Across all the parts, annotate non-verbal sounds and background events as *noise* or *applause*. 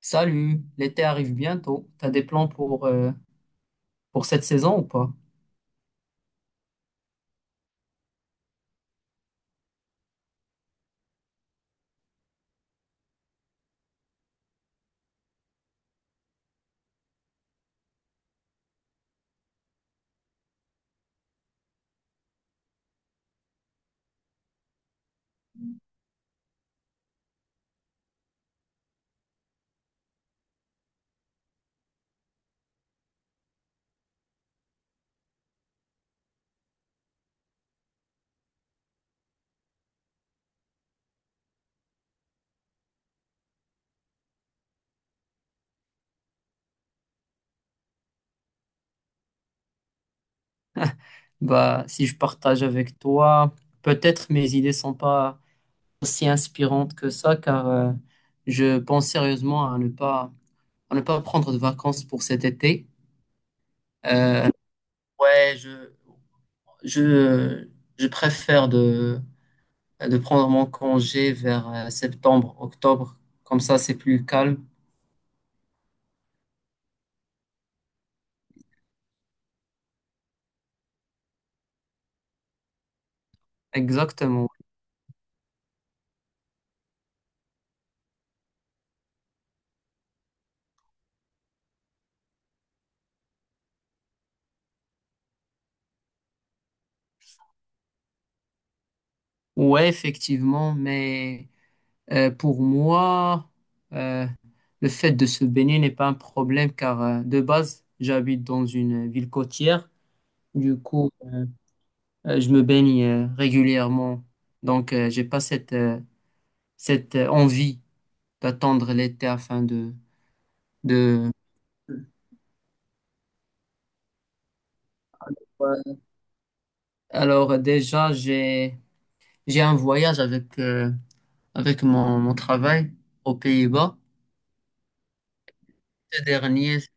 Salut, l'été arrive bientôt. T'as des plans pour cette saison ou pas? Bah, si je partage avec toi, peut-être mes idées sont pas aussi inspirantes que ça, car je pense sérieusement à ne pas prendre de vacances pour cet été. Euh, ouais, je, je préfère de prendre mon congé vers septembre, octobre. Comme ça, c'est plus calme. Exactement. Ouais, effectivement, mais pour moi, euh, le fait de se baigner n'est pas un problème car de base, j'habite dans une ville côtière. Du coup, je me baigne régulièrement. Donc, j'ai pas cette, cette envie d'attendre l'été afin de... Ouais. Alors, déjà, j'ai un voyage avec, avec mon travail aux Pays-Bas. Ce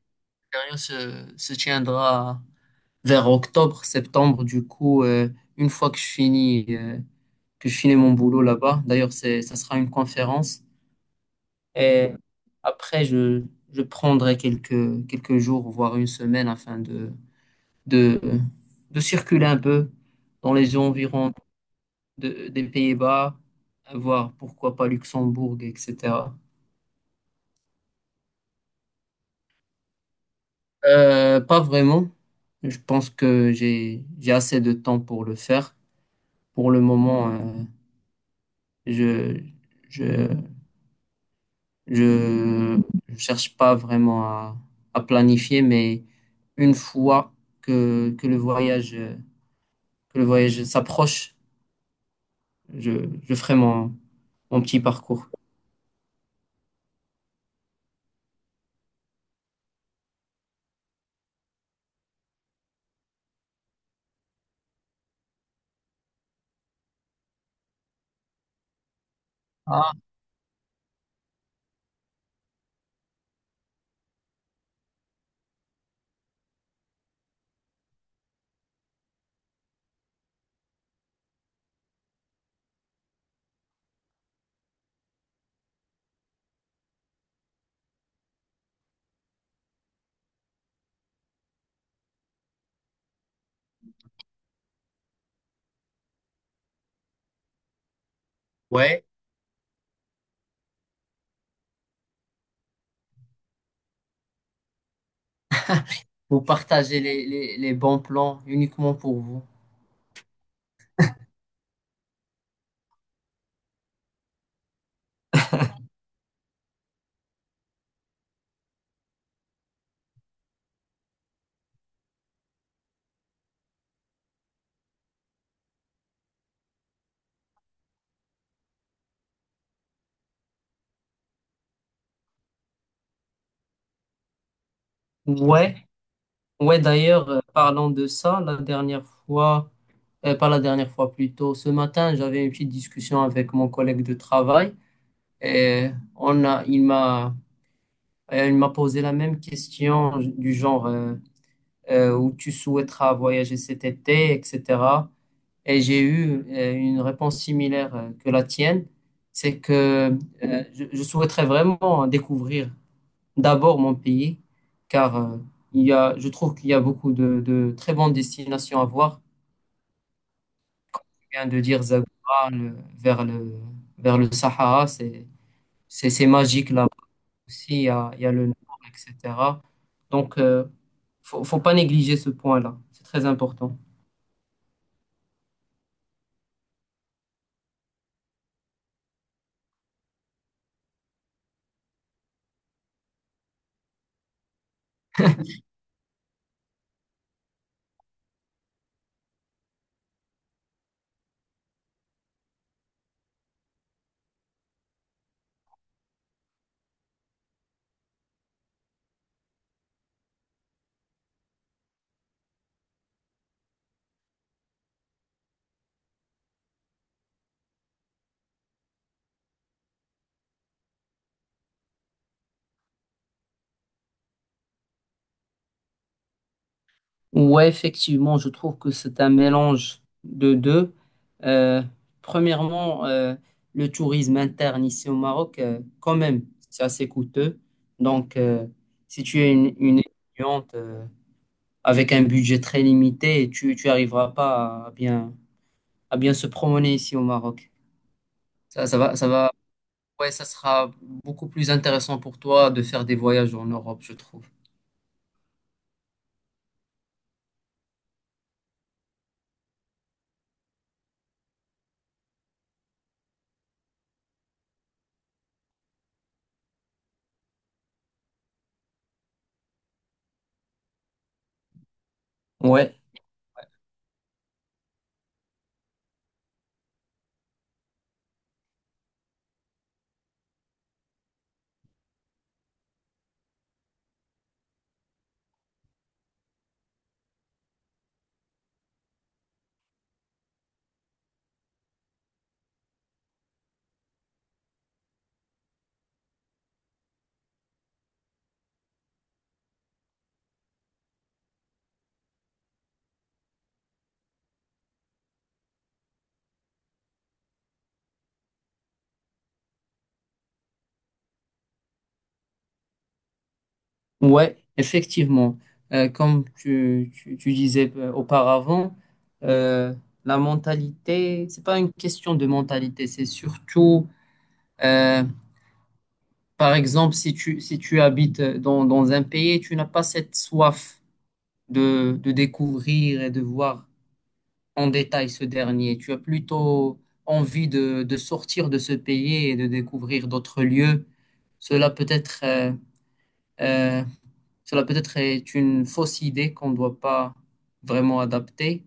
dernier se tiendra vers octobre, septembre. Du coup, une fois que je finis mon boulot là-bas, d'ailleurs, ça sera une conférence. Et après, je prendrai quelques jours, voire une semaine, afin de, de circuler un peu dans les environs des Pays-Bas, voir pourquoi pas Luxembourg, etc. Pas vraiment. Je pense que j'ai assez de temps pour le faire. Pour le moment, je, je Je ne cherche pas vraiment à planifier, mais une fois que, que le voyage, euh, que le voyage s'approche, je ferai mon petit parcours. Ah, ouais. Vous partagez les bons plans uniquement pour vous. Ouais, ouais, d'ailleurs, parlant de ça, la dernière fois, pas la dernière fois, plutôt, ce matin, j'avais une petite discussion avec mon collègue de travail et on a, il m'a il m'a posé la même question du genre où tu souhaiteras voyager cet été, etc. Et j'ai eu une réponse similaire que la tienne. C'est que je souhaiterais vraiment découvrir d'abord mon pays, car il y a, je trouve qu'il y a beaucoup de très bonnes destinations à voir. Comme tu viens de dire, Zagora, vers le Sahara, c'est magique là. Aussi, il y a le nord, etc. Donc, faut pas négliger ce point-là. C'est très important. Ouais, effectivement, je trouve que c'est un mélange de deux. Euh, Premièrement, le tourisme interne ici au Maroc, quand même, c'est assez coûteux. Donc, si tu es une étudiante avec un budget très limité, tu arriveras pas à bien, à bien se promener ici au Maroc. Ça va Ouais, ça sera beaucoup plus intéressant pour toi de faire des voyages en Europe, je trouve. Ouais, ouais, effectivement. Comme tu disais auparavant, euh, la mentalité, c'est pas une question de mentalité, c'est surtout, euh, par exemple, si tu habites dans un pays, tu n'as pas cette soif de découvrir et de voir en détail ce dernier? Tu as plutôt envie de sortir de ce pays et de découvrir d'autres lieux. Cela peut être, euh, euh, cela peut être est une fausse idée qu'on ne doit pas vraiment adapter.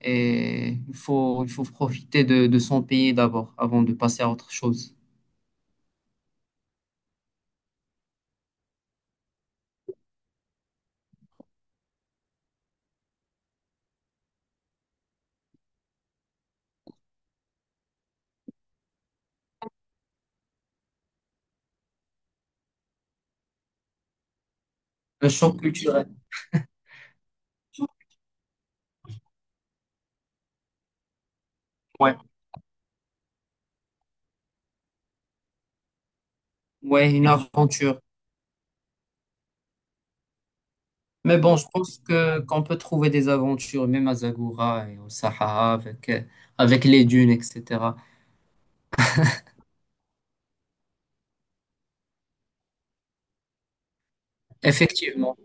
Et il faut profiter de son pays d'abord avant de passer à autre chose. Le choc culturel. Ouais. Ouais, une aventure. Mais bon, je pense que qu'on peut trouver des aventures, même à Zagora et au Sahara, avec, avec les dunes, etc. Effectivement.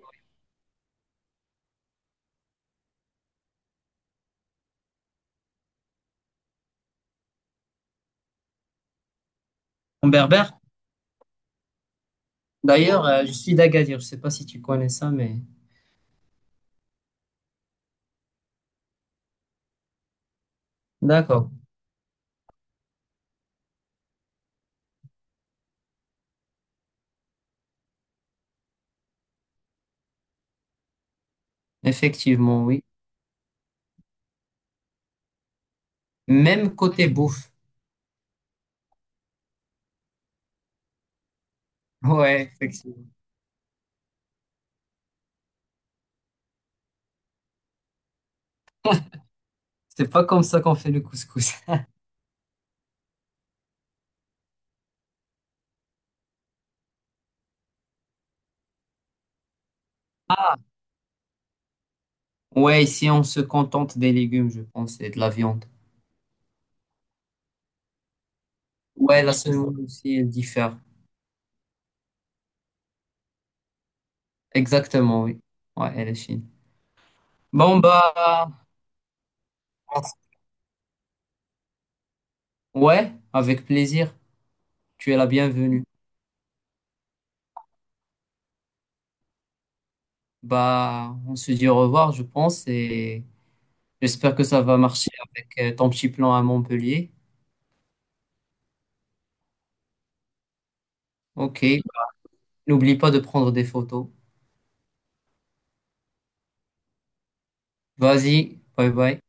En berbère? D'ailleurs, je suis d'Agadir. Je sais pas si tu connais ça, mais d'accord. Effectivement, oui. Même côté bouffe. *laughs* Ouais, effectivement. C'est pas comme ça qu'on fait le couscous. *laughs* Ouais, ici, on se contente des légumes, je pense, et de la viande. Ouais, la semoule aussi, elle diffère. Exactement, oui. Ouais, elle est fine. Bon, bah, ouais, avec plaisir. Tu es la bienvenue. Bah, on se dit au revoir, je pense, et j'espère que ça va marcher avec ton petit plan à Montpellier. Ok. N'oublie pas de prendre des photos. Vas-y, bye bye.